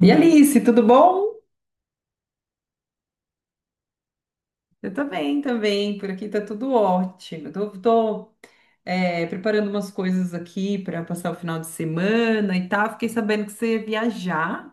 E Alice, tudo bom? Eu também, também. Por aqui tá tudo ótimo. Preparando umas coisas aqui para passar o final de semana e tal. Fiquei sabendo que você ia viajar.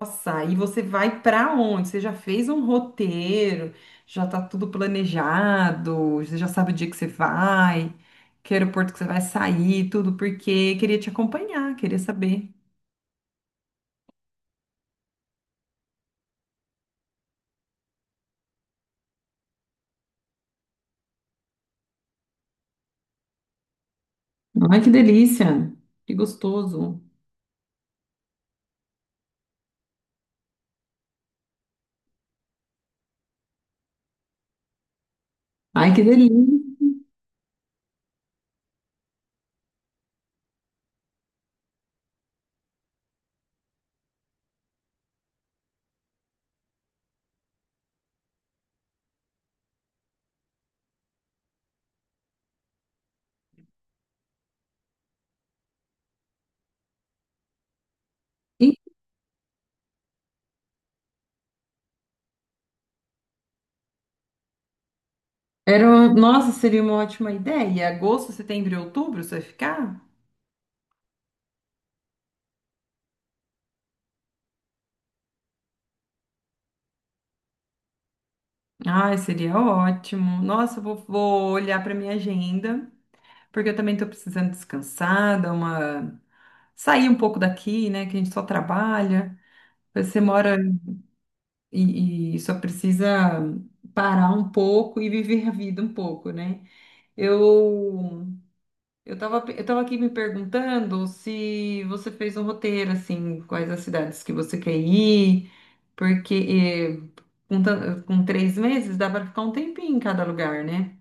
Nossa, e você vai para onde? Você já fez um roteiro? Já tá tudo planejado? Você já sabe o dia que você vai? Que aeroporto que você vai sair? Tudo porque queria te acompanhar, queria saber. Ai, que delícia! Que gostoso! Ai, que delícia! Nossa, seria uma ótima ideia. Agosto, setembro e outubro, você vai ficar? Ai, seria ótimo. Nossa, eu vou olhar para minha agenda, porque eu também estou precisando descansar, dar uma... sair um pouco daqui, né? Que a gente só trabalha. Você mora e só precisa parar um pouco e viver a vida um pouco, né? Eu eu tava aqui me perguntando se você fez um roteiro, assim, quais as cidades que você quer ir, porque com 3 meses dá para ficar um tempinho em cada lugar, né?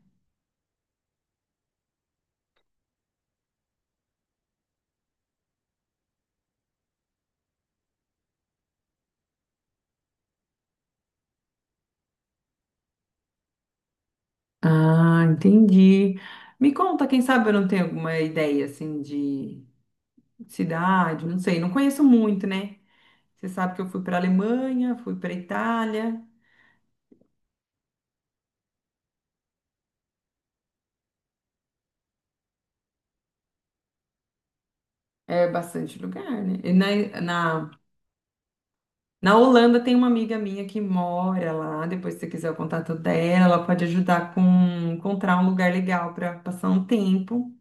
Ah, entendi. Me conta, quem sabe eu não tenho alguma ideia, assim, de cidade, não sei, não conheço muito, né? Você sabe que eu fui para Alemanha, fui para Itália, é bastante lugar, né? Na, Na Holanda tem uma amiga minha que mora lá. Depois, se você quiser o contato dela, ela pode ajudar com encontrar um lugar legal para passar um tempo.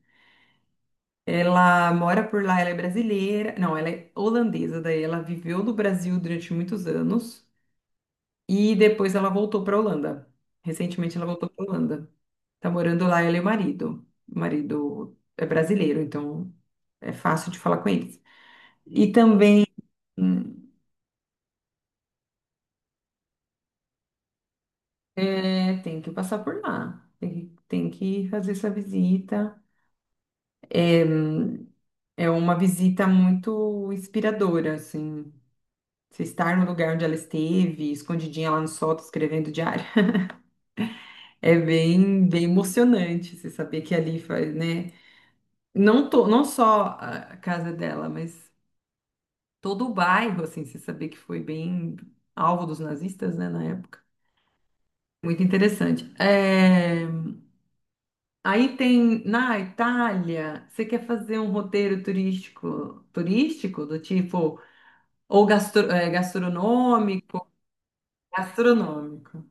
Ela mora por lá, ela é brasileira. Não, ela é holandesa, daí ela viveu no Brasil durante muitos anos e depois ela voltou para Holanda. Recentemente ela voltou para Holanda. Tá morando lá ela e o marido. O marido é brasileiro, então é fácil de falar com eles. E também é, tem que passar por lá. Tem que fazer essa visita. É, é uma visita muito inspiradora, assim. Você estar no lugar onde ela esteve, escondidinha lá no sótão, escrevendo diário. É bem, bem emocionante você saber que ali faz, né? Não só a casa dela, mas todo o bairro, assim, você saber que foi bem alvo dos nazistas, né, na época. Muito interessante. Aí tem na Itália, você quer fazer um roteiro turístico, turístico do tipo ou gastronômico, gastronômico.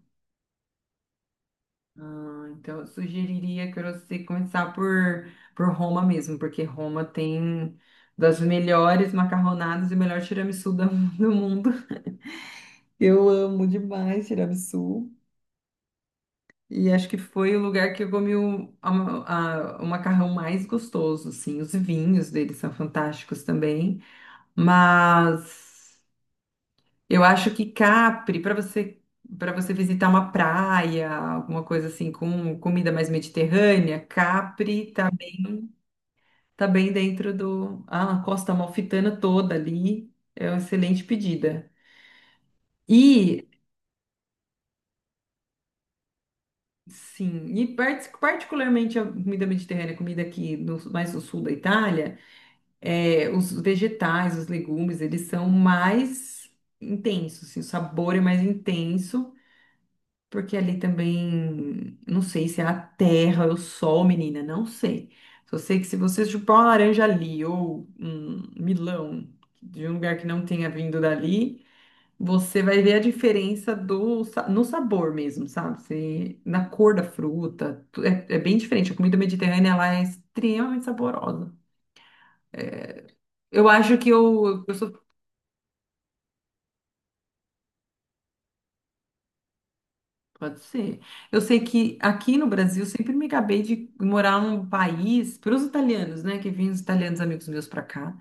Ah, então eu sugeriria que você começar por Roma mesmo, porque Roma tem das melhores macarronadas e o melhor tiramisu do mundo. Eu amo demais tiramisu. E acho que foi o lugar que eu comi o macarrão mais gostoso, assim. Os vinhos deles são fantásticos também. Mas eu acho que Capri, para você visitar uma praia, alguma coisa assim com comida mais mediterrânea, tá bem dentro do ah, a Costa Amalfitana toda ali. É uma excelente pedida. E sim, e particularmente a comida mediterrânea, comida aqui no, mais no sul da Itália, é, os vegetais, os legumes, eles são mais intensos, assim, o sabor é mais intenso. Porque ali também, não sei se é a terra, é o sol, menina, não sei. Só sei que se você chupar uma laranja ali ou um milão de um lugar que não tenha vindo dali, você vai ver a diferença do, no sabor mesmo, sabe? Na cor da fruta, é, é bem diferente. A comida mediterrânea, ela é extremamente saborosa. Eu acho que eu sou pode ser. Eu sei que aqui no Brasil sempre me gabei de morar num país, para os italianos, né, que vêm os italianos amigos meus para cá,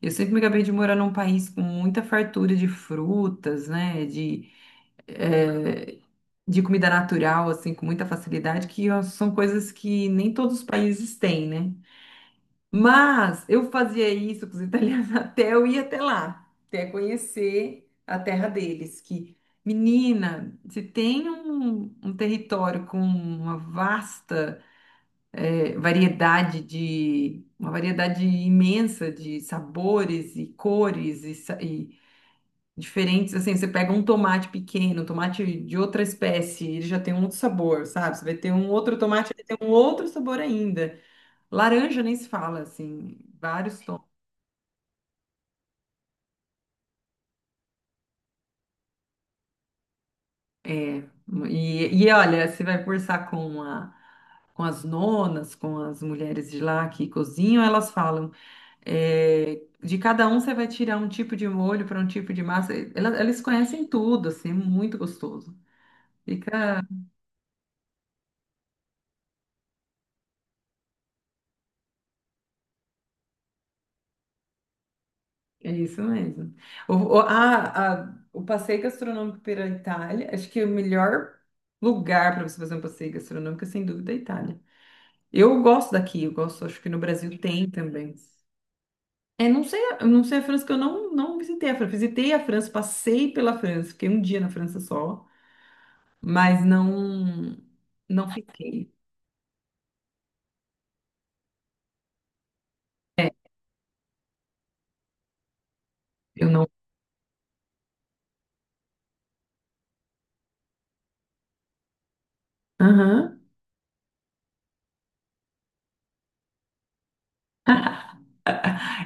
eu sempre me gabei de morar num país com muita fartura de frutas, né, eh, de comida natural, assim, com muita facilidade, que ó, são coisas que nem todos os países têm, né? Mas eu fazia isso com os italianos até eu ir até lá, até conhecer a terra deles. Que, menina, se tem um território com uma vasta variedade de, uma variedade imensa de sabores e cores e diferentes, assim, você pega um tomate pequeno, um tomate de outra espécie, ele já tem um outro sabor, sabe? Você vai ter um outro tomate, ele tem um outro sabor ainda. Laranja nem se fala, assim, vários tons. E olha, você vai conversar com as nonas, com as mulheres de lá que cozinham, elas falam, é, de cada um você vai tirar um tipo de molho para um tipo de massa. Elas conhecem tudo, assim, é muito gostoso. Fica, é isso mesmo. O passeio gastronômico pela Itália, acho que é o melhor lugar para você fazer um passeio gastronômico, é, sem dúvida, é a Itália. Eu gosto daqui, eu gosto, acho que no Brasil tem também. É, não sei, eu não sei a França, que eu não visitei a França. Visitei a França, passei pela França, fiquei um dia na França só, mas não, não fiquei. É, eu não. Aham.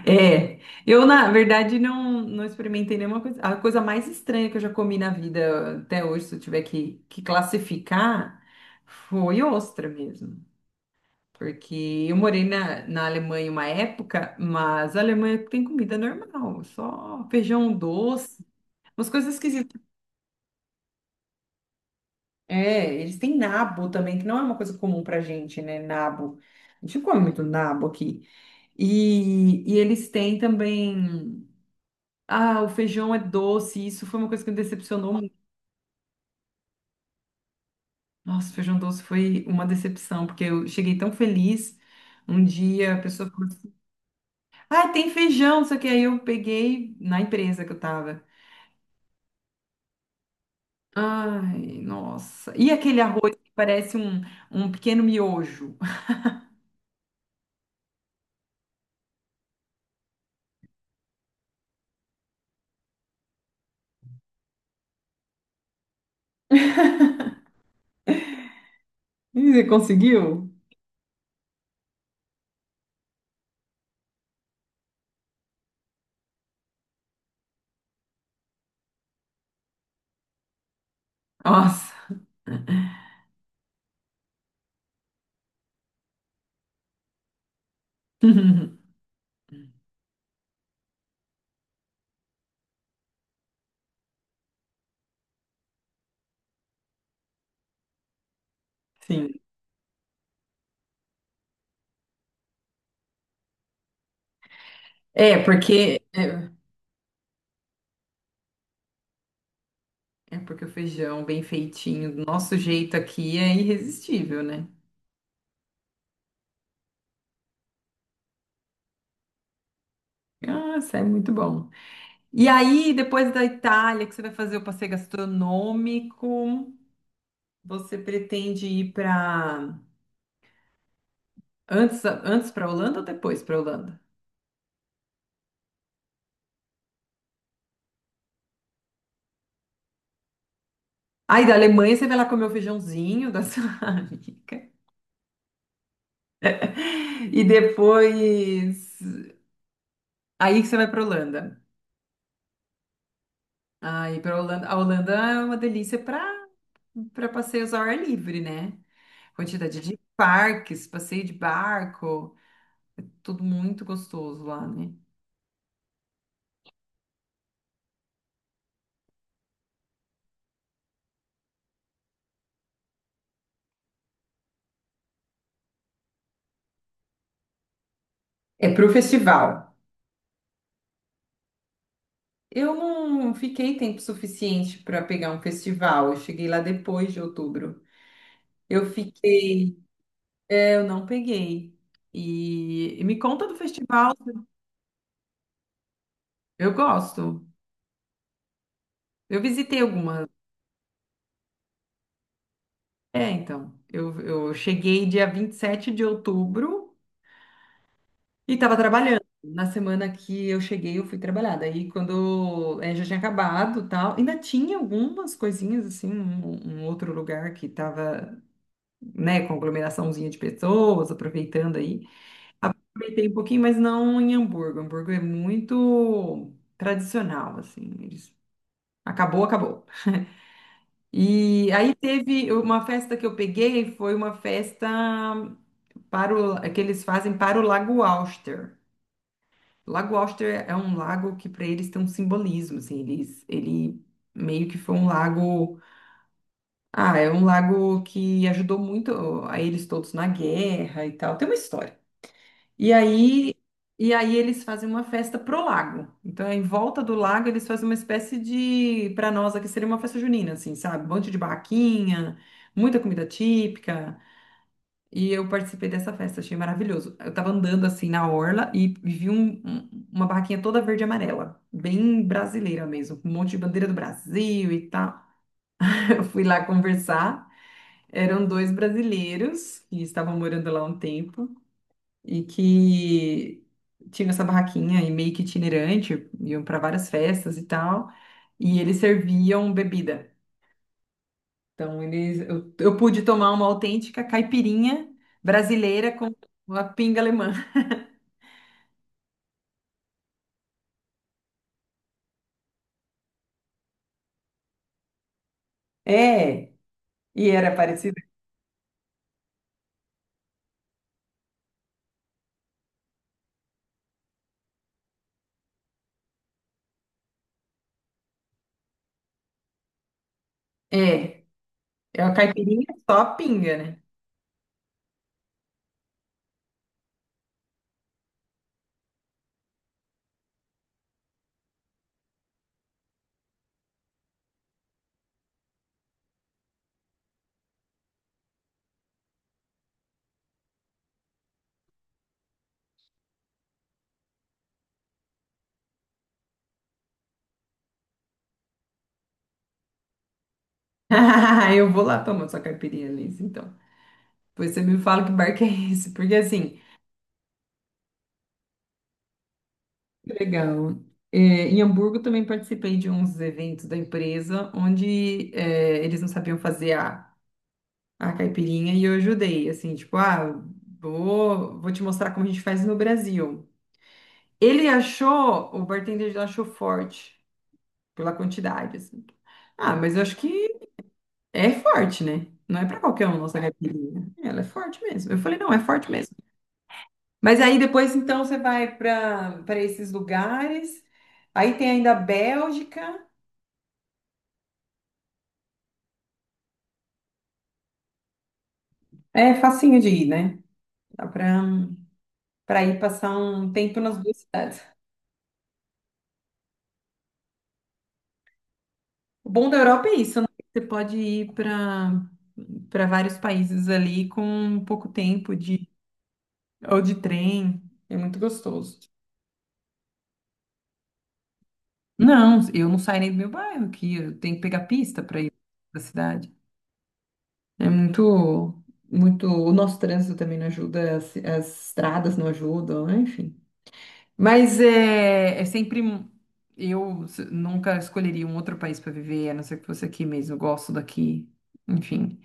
É, eu na verdade não experimentei nenhuma coisa. A coisa mais estranha que eu já comi na vida até hoje, se eu tiver que classificar, foi ostra mesmo. Porque eu morei na Alemanha uma época, mas a Alemanha tem comida normal, só feijão doce, umas coisas esquisitas. É, eles têm nabo também, que não é uma coisa comum pra gente, né? Nabo. A gente não come muito nabo aqui. E eles têm também. Ah, o feijão é doce. Isso foi uma coisa que me decepcionou muito. Nossa, o feijão doce foi uma decepção, porque eu cheguei tão feliz. Um dia a pessoa falou assim: ah, tem feijão, só que aí eu peguei na empresa que eu tava. Ai, nossa. E aquele arroz que parece um pequeno miojo? Ih, você conseguiu? Nossa. Sim. É, porque é, É porque o feijão bem feitinho, do nosso jeito aqui, é irresistível, né? Nossa, é muito bom. E aí, depois da Itália, que você vai fazer o passeio gastronômico, você pretende ir para antes para Holanda ou depois para Holanda? Aí da Alemanha você vai lá comer o feijãozinho da sua amiga. E depois aí que você vai para Holanda. Aí para Holanda, a Holanda é uma delícia para passeios ao ar livre, né? Quantidade de parques, passeio de barco, é tudo muito gostoso lá, né? É para o festival. Eu não fiquei tempo suficiente para pegar um festival. Eu cheguei lá depois de outubro. Eu fiquei, é, eu não peguei. E me conta do festival. Eu gosto. Eu visitei algumas. É, então, eu cheguei dia 27 de outubro. E estava trabalhando. Na semana que eu cheguei, eu fui trabalhar. Daí, quando já tinha acabado, tal, ainda tinha algumas coisinhas assim, um outro lugar que estava, né, com aglomeraçãozinha de pessoas, aproveitando aí. Aproveitei um pouquinho, mas não em Hamburgo. Hamburgo é muito tradicional, assim. Eles... Acabou, acabou. E aí teve uma festa que eu peguei, foi uma festa para o, que eles fazem para o Lago Auster. Lago Auster é um lago que para eles tem um simbolismo, assim, eles, ele meio que foi um lago, ah, é um lago que ajudou muito a eles todos na guerra e tal, tem uma história. E aí, e aí eles fazem uma festa pro lago. Então, em volta do lago eles fazem uma espécie de, para nós aqui seria uma festa junina, assim, sabe? Um monte de barraquinha, muita comida típica. E eu participei dessa festa, achei maravilhoso. Eu tava andando assim na orla e vi uma barraquinha toda verde e amarela, bem brasileira mesmo, com um monte de bandeira do Brasil e tal. Eu fui lá conversar. Eram dois brasileiros que estavam morando lá há um tempo e que tinham essa barraquinha e meio que itinerante, iam para várias festas e tal. E eles serviam bebida. Então, eu pude tomar uma autêntica caipirinha brasileira com uma pinga alemã. É, e era parecido. É, é uma caipirinha só pinga, né? Eu vou lá tomar sua caipirinha, Liz, então. Depois você me fala que bar que é esse, porque assim, legal. É, em Hamburgo também participei de uns eventos da empresa onde é, eles não sabiam fazer a caipirinha e eu ajudei, assim, tipo, ah, vou te mostrar como a gente faz no Brasil. Ele achou, o bartender já achou forte pela quantidade, assim. Ah, mas eu acho que é forte, né? Não é pra qualquer um nossa caipirinha. Ela é forte mesmo. Eu falei, não, é forte mesmo. Mas aí depois, então, você vai para esses lugares. Aí tem ainda a Bélgica. É facinho de ir, né? Dá pra, pra ir passar um tempo nas duas cidades. O bom da Europa é isso, né? Você pode ir para vários países ali com um pouco tempo de ou de trem. É muito gostoso. Não, eu não saio nem do meu bairro aqui. Eu tenho que pegar pista para ir para cidade. É muito, muito. O nosso trânsito também não ajuda, as estradas não ajudam, né? Enfim. Mas é sempre. Nunca escolheria um outro país para viver, a não ser que fosse aqui mesmo. Eu gosto daqui. Enfim,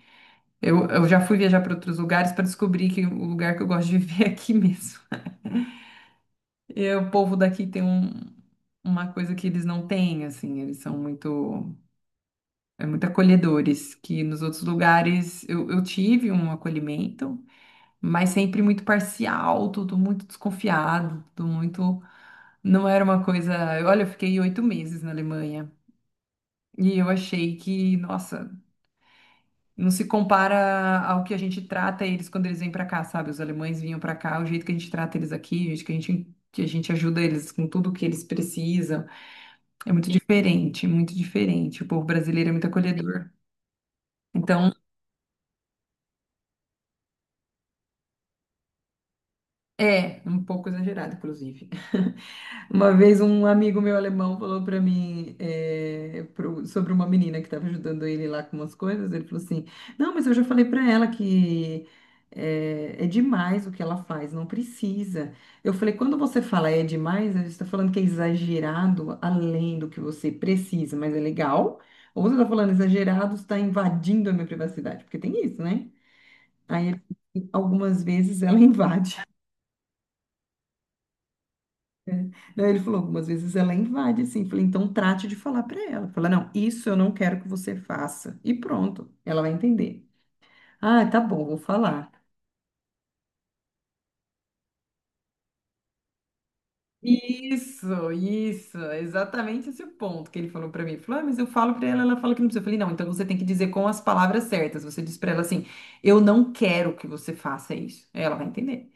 eu já fui viajar para outros lugares para descobrir que o lugar que eu gosto de viver é aqui mesmo. E o povo daqui tem uma coisa que eles não têm, assim, eles são muito, é muito acolhedores, que nos outros lugares eu tive um acolhimento, mas sempre muito parcial, tudo muito desconfiado, tudo muito. Não era uma coisa. Olha, eu fiquei 8 meses na Alemanha e eu achei que, nossa, não se compara ao que a gente trata eles quando eles vêm pra cá, sabe? Os alemães vinham pra cá, o jeito que a gente trata eles aqui, o jeito que a gente. Que a gente ajuda eles com tudo que eles precisam. É muito diferente, muito diferente. O povo brasileiro é muito acolhedor. Então, é, um pouco exagerado, inclusive. Uma vez um amigo meu alemão falou para mim é, sobre uma menina que estava ajudando ele lá com umas coisas. Ele falou assim: Não, mas eu já falei para ela que é demais o que ela faz, não precisa. Eu falei: Quando você fala é demais, você está falando que é exagerado além do que você precisa, mas é legal. Ou você está falando exagerado, está invadindo a minha privacidade, porque tem isso, né? Aí ele, algumas vezes ela invade. Daí ele falou, algumas vezes ela invade, assim. Falei, então trate de falar para ela. Fala, não, isso eu não quero que você faça. E pronto, ela vai entender. Ah, tá bom, vou falar. Isso, exatamente esse o ponto que ele falou pra mim. Ele falou, ah, mas eu falo pra ela, ela fala que não precisa. Eu falei, não, então você tem que dizer com as palavras certas. Você diz pra ela assim, eu não quero que você faça isso. Aí ela vai entender.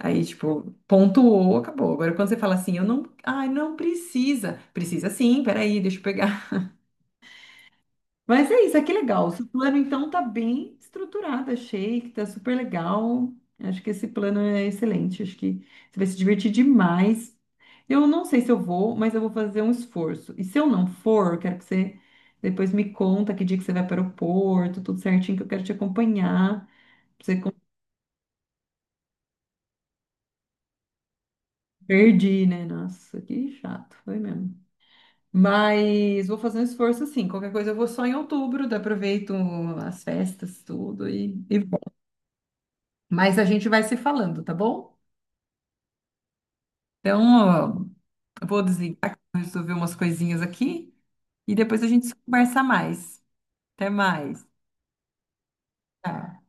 Aí, tipo, pontuou, acabou. Agora, quando você fala assim, eu não, ai, não precisa. Precisa sim, peraí, deixa eu pegar. Mas é isso, é que legal. O seu plano, então, tá bem estruturado, achei que tá super legal. Acho que esse plano é excelente, acho que você vai se divertir demais. Eu não sei se eu vou, mas eu vou fazer um esforço. E se eu não for, eu quero que você depois me conta que dia que você vai para o aeroporto, tudo certinho, que eu quero te acompanhar. Pra Você con- Perdi, né? Nossa, que chato, foi mesmo. Mas vou fazer um esforço, assim. Qualquer coisa eu vou só em outubro, daí aproveito as festas, tudo, e mas a gente vai se falando, tá bom? Então, ó, eu vou desligar, que eu vou resolver umas coisinhas aqui e depois a gente conversa mais. Até mais. Tchau.